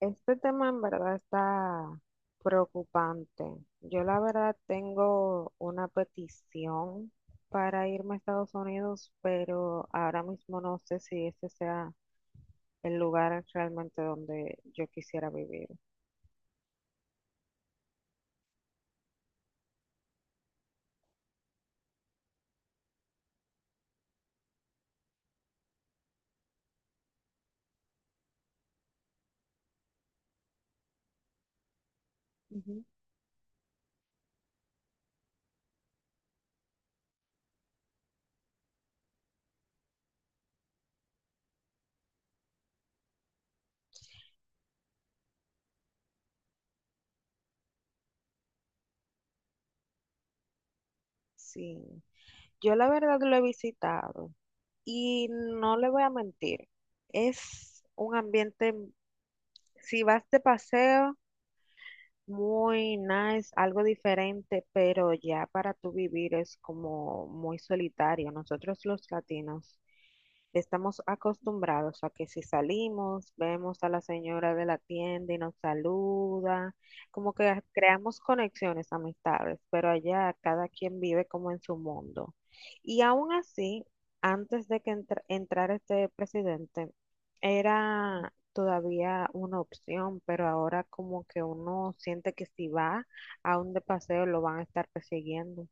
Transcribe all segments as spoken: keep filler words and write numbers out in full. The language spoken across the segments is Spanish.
Este tema en verdad está preocupante. Yo la verdad tengo una petición para irme a Estados Unidos, pero ahora mismo no sé si ese sea el lugar realmente donde yo quisiera vivir. Ujú. Sí, yo la verdad lo he visitado y no le voy a mentir, es un ambiente, si vas de paseo, muy nice, algo diferente, pero ya para tú vivir es como muy solitario. Nosotros los latinos estamos acostumbrados a que si salimos, vemos a la señora de la tienda y nos saluda, como que creamos conexiones amistades, pero allá cada quien vive como en su mundo. Y aún así, antes de que entr- entrara este presidente, era todavía una opción, pero ahora como que uno siente que si va a un de paseo lo van a estar persiguiendo.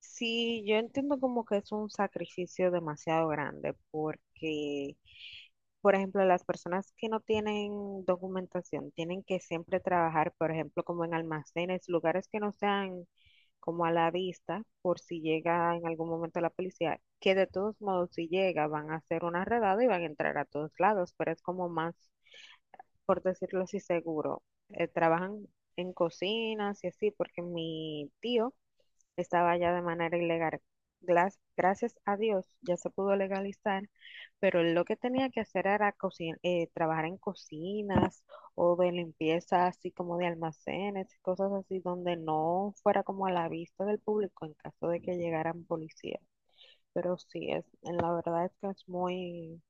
Sí, yo entiendo como que es un sacrificio demasiado grande porque, por ejemplo, las personas que no tienen documentación tienen que siempre trabajar, por ejemplo, como en almacenes, lugares que no sean como a la vista, por si llega en algún momento la policía, que de todos modos si llega van a hacer una redada y van a entrar a todos lados, pero es como más, por decirlo así, seguro. Eh, trabajan en cocinas y así, porque mi tío estaba ya de manera ilegal. Glas- Gracias a Dios ya se pudo legalizar, pero él lo que tenía que hacer era cocin- eh, trabajar en cocinas o de limpieza, así como de almacenes cosas así, donde no fuera como a la vista del público en caso de que llegaran policías. Pero sí, es, en la verdad es que es muy,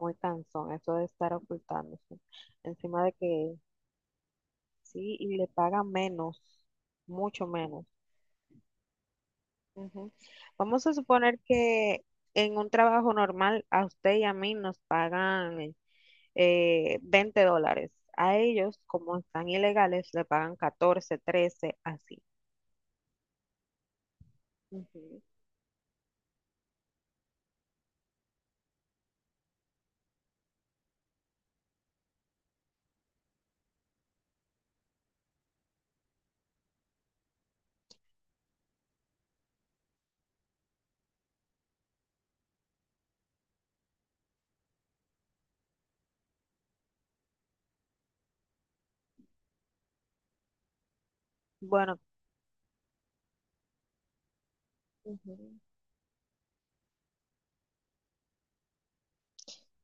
muy cansón eso de estar ocultándose. Encima de que sí, y le pagan menos, mucho menos. Ujú. Vamos a suponer que en un trabajo normal a usted y a mí nos pagan eh, veinte dólares. A ellos, como están ilegales, le pagan catorce, trece, así. Ujú. Bueno. Ujú.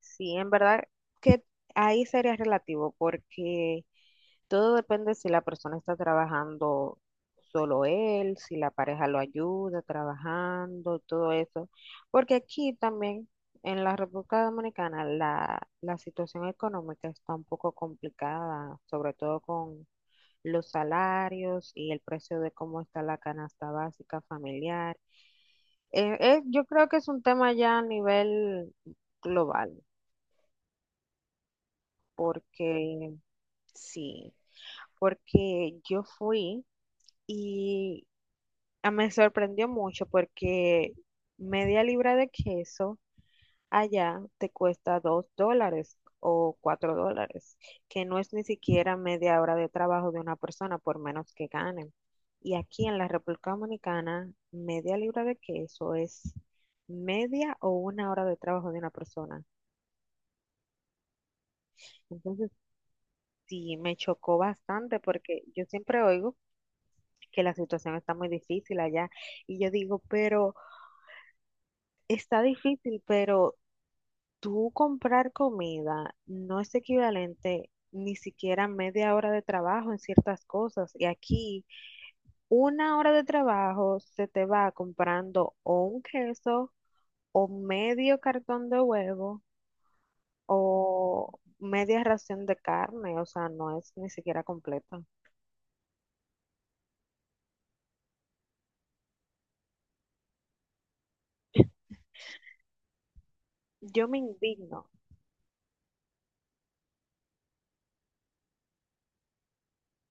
Sí, en verdad que ahí sería relativo porque todo depende si la persona está trabajando solo él, si la pareja lo ayuda trabajando, todo eso. Porque aquí también, en la República Dominicana, la, la situación económica está un poco complicada, sobre todo con los salarios y el precio de cómo está la canasta básica familiar. Eh, eh, yo creo que es un tema ya a nivel global, porque sí, porque yo fui... y ah, me sorprendió mucho porque media libra de queso allá te cuesta dos dólares o cuatro dólares, que no es ni siquiera media hora de trabajo de una persona, por menos que ganen. Y aquí en la República Dominicana, media libra de queso es media o una hora de trabajo de una persona. Entonces, sí, me chocó bastante porque yo siempre oigo que la situación está muy difícil allá y yo digo, pero... Está difícil, pero tú comprar comida no es equivalente ni siquiera a media hora de trabajo en ciertas cosas. Y aquí una hora de trabajo se te va comprando o un queso o medio cartón de huevo o media ración de carne. O sea, no es ni siquiera completo. Yo me indigno.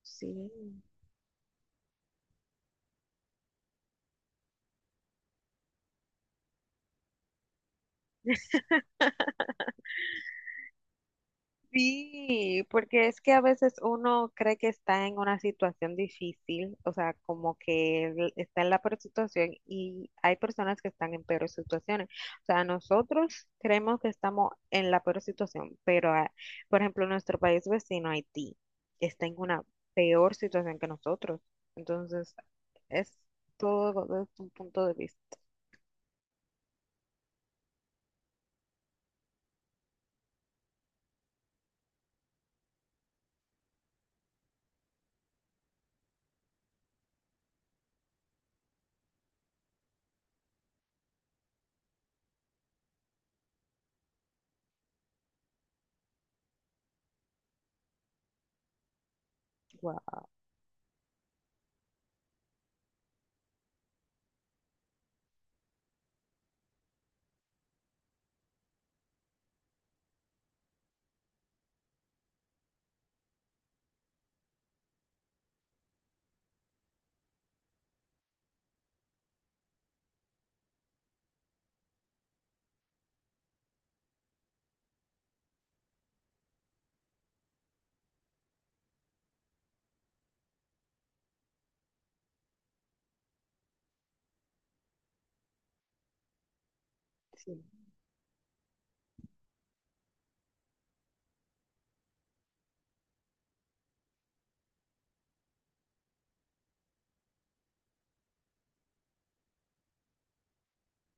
Sí. Sí, porque es que a veces uno cree que está en una situación difícil, o sea, como que el- está en la peor situación y hay personas que están en peores situaciones. O sea, nosotros creemos que estamos en la peor situación, pero, ah, por ejemplo, nuestro país vecino, Haití, está en una peor situación que nosotros. Entonces, es todo desde un punto de vista. Wow.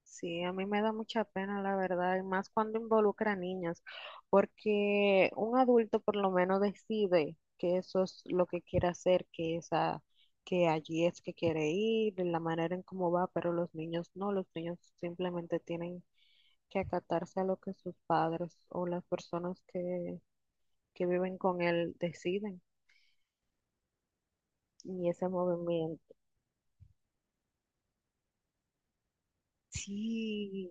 Sí, a mí me da mucha pena, la verdad, y más cuando involucra a niñas, porque un adulto por lo menos decide que eso es lo que quiere hacer, que esa, que allí es que quiere ir, de la manera en cómo va, pero los niños no, los niños simplemente tienen que acatarse a lo que sus padres o las personas que, que viven con él deciden. Y ese movimiento. Sí,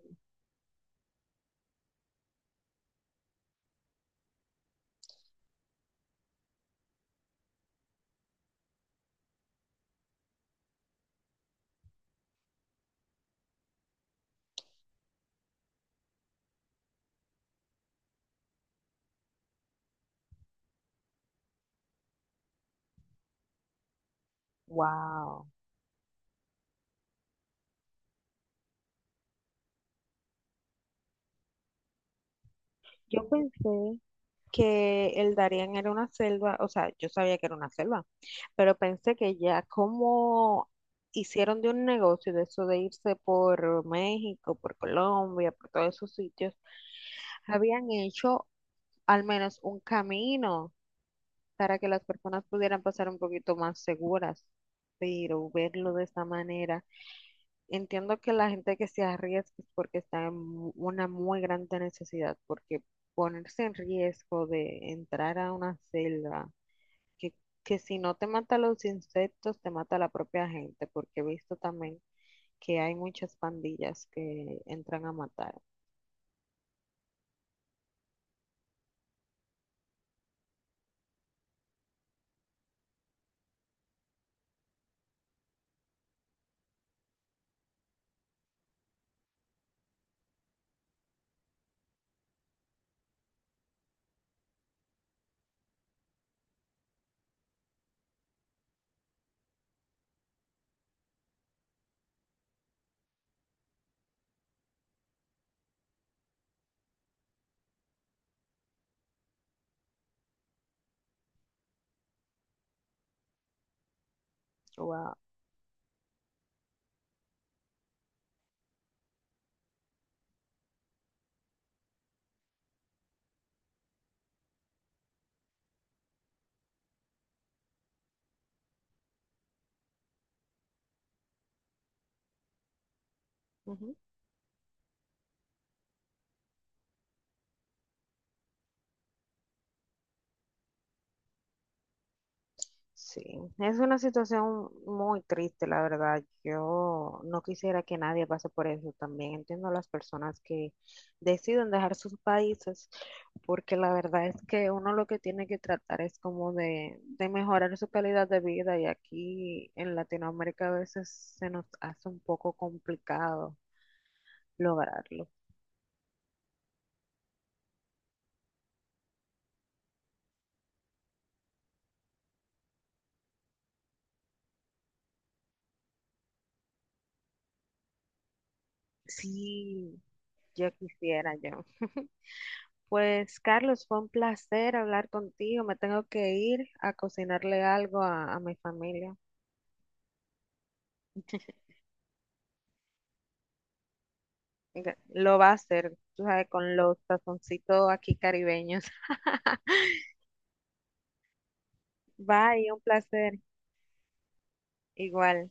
wow. Yo pensé que el Darien era una selva, o sea, yo sabía que era una selva, pero pensé que ya como hicieron de un negocio de eso de irse por México, por Colombia, por todos esos sitios, habían hecho al menos un camino para que las personas pudieran pasar un poquito más seguras. Pero verlo de esta manera, entiendo que la gente que se arriesga es porque está en mu- una muy grande necesidad, porque ponerse en riesgo de entrar a una selva que, que si no te mata los insectos, te mata la propia gente, porque he visto también que hay muchas pandillas que entran a matar. Wow. Sí, es una situación muy triste, la verdad. Yo no quisiera que nadie pase por eso también. Entiendo a las personas que deciden dejar sus países, porque la verdad es que uno lo que tiene que tratar es como de, de mejorar su calidad de vida y aquí en Latinoamérica a veces se nos hace un poco complicado lograrlo. Sí, yo quisiera, yo. Pues Carlos, fue un placer hablar contigo. Me tengo que ir a cocinarle algo a, a mi familia. Gra- Lo va a hacer, tú sabes, con los tazoncitos aquí caribeños. Bye, un placer. Igual.